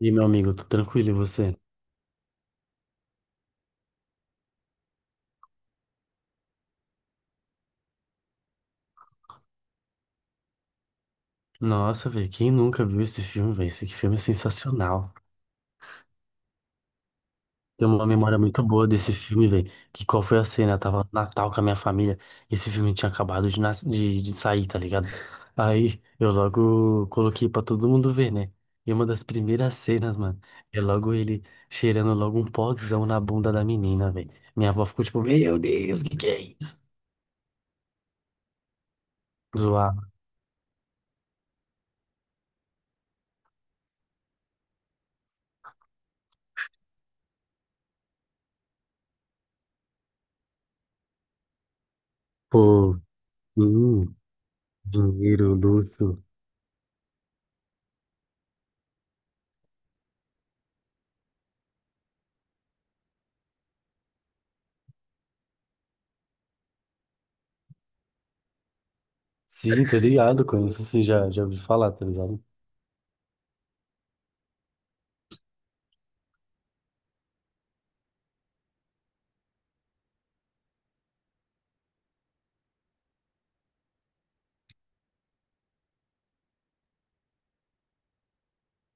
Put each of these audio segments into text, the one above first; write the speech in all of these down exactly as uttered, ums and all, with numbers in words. E meu amigo, tô tranquilo, e você? Nossa, velho, quem nunca viu esse filme, velho? Esse filme é sensacional. Tem uma memória muito boa desse filme, velho. Que qual foi a cena? Eu tava no Natal com a minha família. Esse filme tinha acabado de, nas- de, de sair, tá ligado? Aí eu logo coloquei pra todo mundo ver, né? E uma das primeiras cenas, mano, é logo ele cheirando logo um pozão na bunda da menina, velho. Minha avó ficou tipo, meu Deus, que que é isso? Zoar. Pô, hum, dinheiro, luxo. Sim, tô ligado, conheço assim, já, já ouvi falar, tá ligado?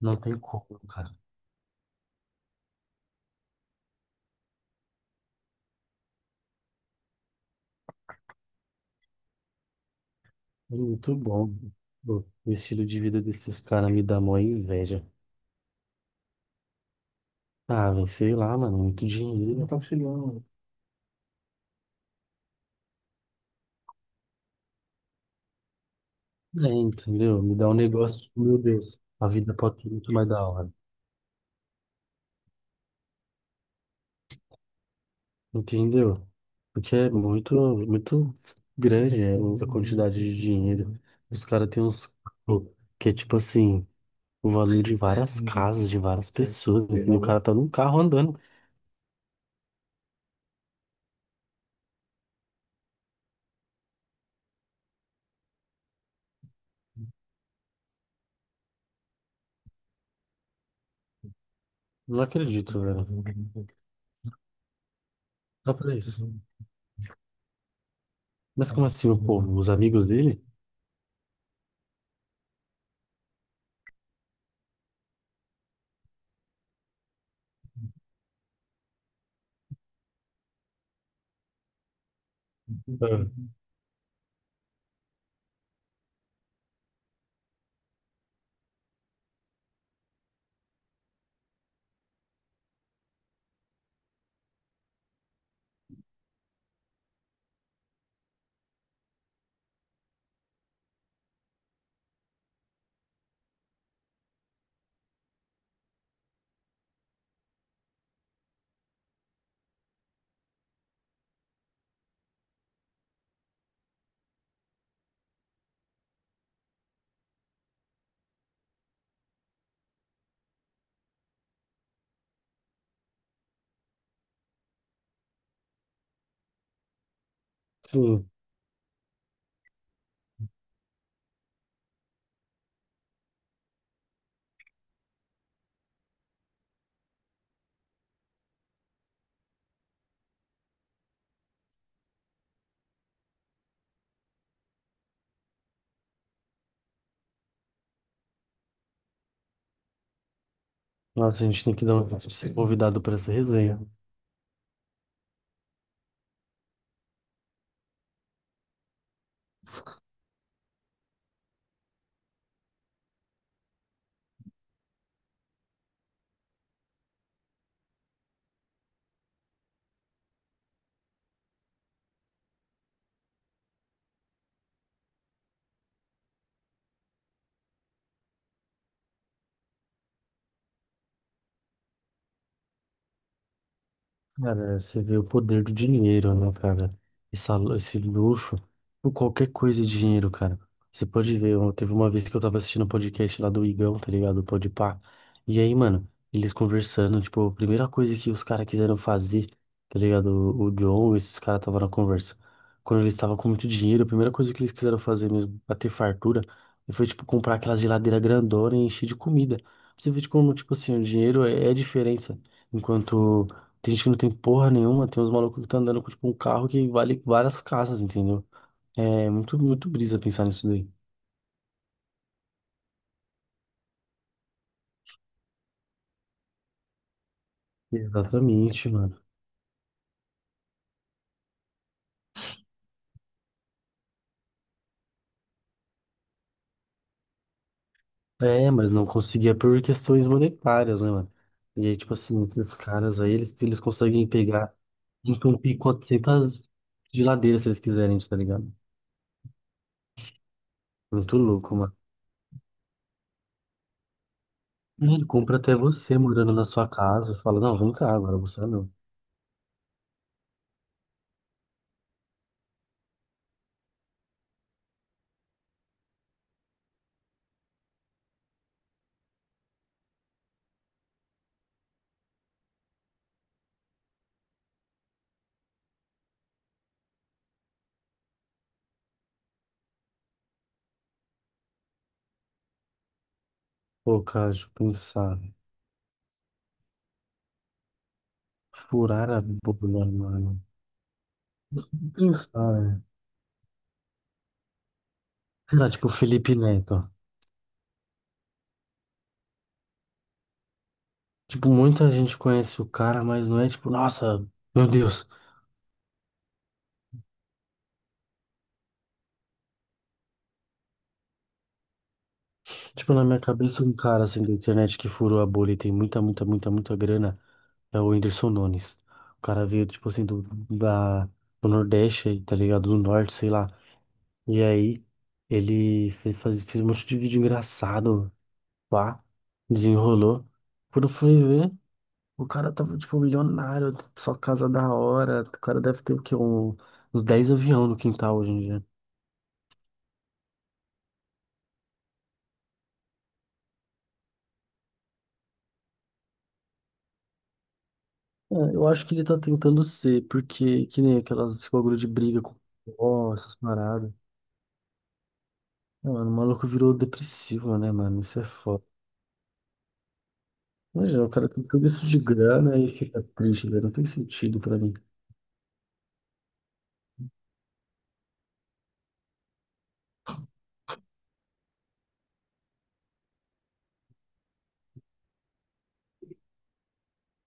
Não tem como, cara. É muito bom. Pô, o estilo de vida desses caras me dá mó inveja. Ah, velho, sei lá, mano, muito dinheiro. Não tá chegando. É, entendeu? Me dá um negócio, tipo, meu Deus, a vida pode ser muito mais da hora. Entendeu? Porque é muito, muito grande, né, a quantidade de dinheiro. Os caras têm uns. Que é tipo assim, o valor de várias casas, de várias pessoas, entendeu? O cara tá num carro andando. Não acredito, velho. Só pra isso. Mas como assim o povo? Os amigos dele? Ah. Sim. Nossa, a gente tem que dar um convidado pra essa resenha. Cara, você vê o poder do dinheiro, né, cara? Essa, esse luxo, por qualquer coisa de dinheiro, cara. Você pode ver, eu- teve uma vez que eu tava assistindo um podcast lá do Igão, tá ligado? O Podpah. E aí, mano, eles conversando, tipo, a primeira coisa que os caras quiseram fazer, tá ligado? O, o John, esses caras estavam na conversa. Quando eles estavam com muito dinheiro, a primeira coisa que eles quiseram fazer mesmo, pra ter fartura, foi, tipo, comprar aquela geladeira grandona e encher de comida. Você vê de como, tipo assim, o dinheiro é é a diferença. Enquanto. Tem gente que não tem porra nenhuma, tem uns malucos que estão andando com tipo, um carro que vale várias casas, entendeu? É muito, muito brisa pensar nisso daí. Exatamente, mano. É, mas não conseguia por questões monetárias, né, mano? E aí, tipo assim, esses caras aí, eles, eles conseguem pegar, entupir quatrocentas geladeiras se eles quiserem, tá ligado? Muito louco, mano. E ele compra até você morando na sua casa, fala, não, vem cá agora, você não. Pô, cara, deixa eu pensar. Furar a bolha, mano. Pensar. Cara, tipo, Felipe Neto. Tipo, muita gente conhece o cara, mas não é tipo, nossa, meu Deus. Tipo, na minha cabeça, um cara assim da internet que furou a bolha e tem muita, muita, muita, muita grana é o Whindersson Nunes. O cara veio, tipo assim, do, da, do Nordeste, aí, tá ligado? Do Norte, sei lá. E aí, ele fez, faz- fez um monte de vídeo engraçado, pá, desenrolou. Quando eu fui ver. O cara tava, tipo, milionário, só casa da hora. O cara deve ter, o quê? Um- uns dez aviões no quintal hoje em dia. É, eu acho que ele tá tentando ser, porque que nem aquelas esse bagulho de briga com ó, essas paradas. Não, mano, o maluco virou depressivo, né, mano? Isso é foda. Imagina, o cara tem tudo isso de grana e fica triste, velho. Não tem sentido pra mim.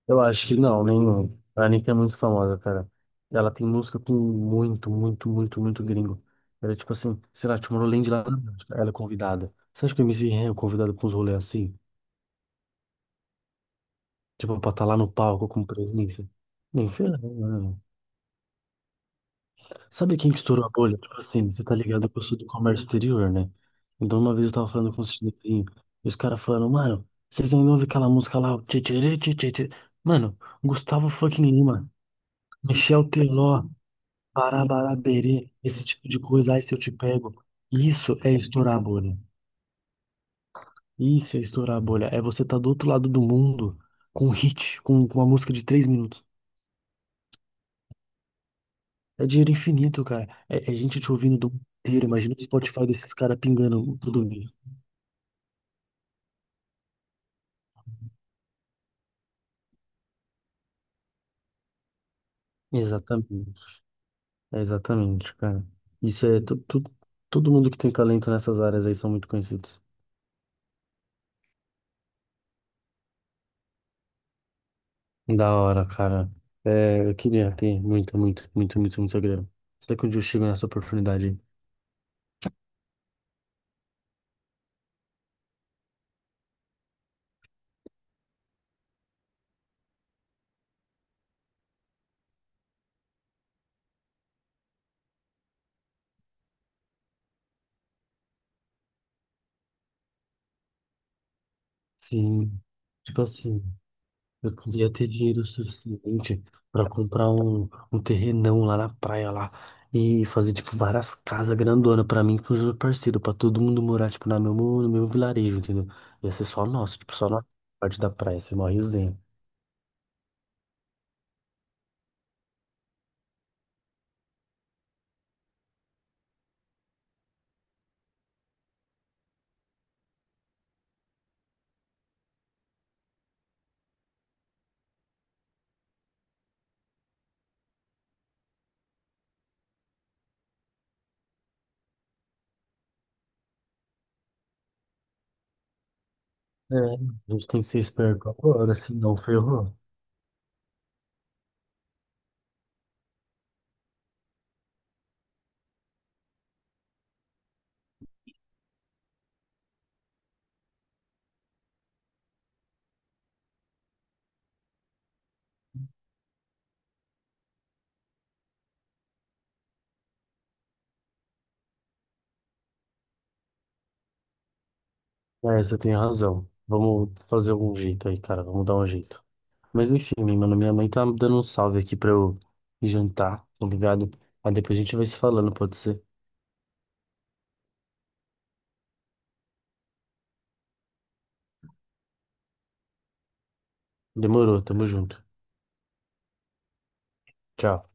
Eu acho que não, nenhum. A Anitta é muito famosa, cara. Ela tem música com muito, muito, muito, muito gringo. Era tipo assim, sei lá, Tomorrowland lá, na Bélgica, ela é convidada. Você acha que o M C Ren é convidado pra uns rolês assim? Tipo, pra estar lá no palco com presença? Nem ferrando, né? Sabe quem que estourou a bolha? Tipo assim, você tá ligado que eu sou do comércio exterior, né? Então uma vez eu tava falando com um chinesinho, e os caras falando, mano, vocês ainda ouvem aquela música lá, o tchê, tchê, tchê, tchê, tchê. Mano, Gustavo fucking Lima, Michel Teló, Parabaraberê, esse tipo de coisa, ai, se eu te pego. Isso é estourar a bolha. Isso é estourar a bolha. É você tá do outro lado do mundo com um hit, com, com uma música de três minutos. É dinheiro infinito, cara. É, é gente te ouvindo do mundo inteiro. Imagina o Spotify desses caras pingando todo mês. Exatamente. É exatamente, cara. Isso é tu, tu- todo mundo que tem talento nessas áreas aí são muito conhecidos. Da hora, cara. É, eu queria ter muito, muito, muito, muito, muito grana. Será que um dia eu chego nessa oportunidade? Aí? Sim, tipo assim, eu queria ter dinheiro suficiente pra comprar um, um terrenão lá na praia lá e fazer tipo várias casas grandonas pra mim e pros meus parceiros, pra todo mundo morar tipo na meu, no meu vilarejo, entendeu? Ia ser só nosso, tipo só na parte da praia, ia ser uma resenha. É, a gente tem que ser esperto agora, senão ferrou. É, você tem razão. Vamos fazer algum jeito aí, cara, vamos dar um jeito. Mas enfim, mano, minha mãe tá dando um salve aqui pra eu jantar, tá ligado? Aí depois a gente vai se falando, pode ser? Demorou, tamo junto. Tchau.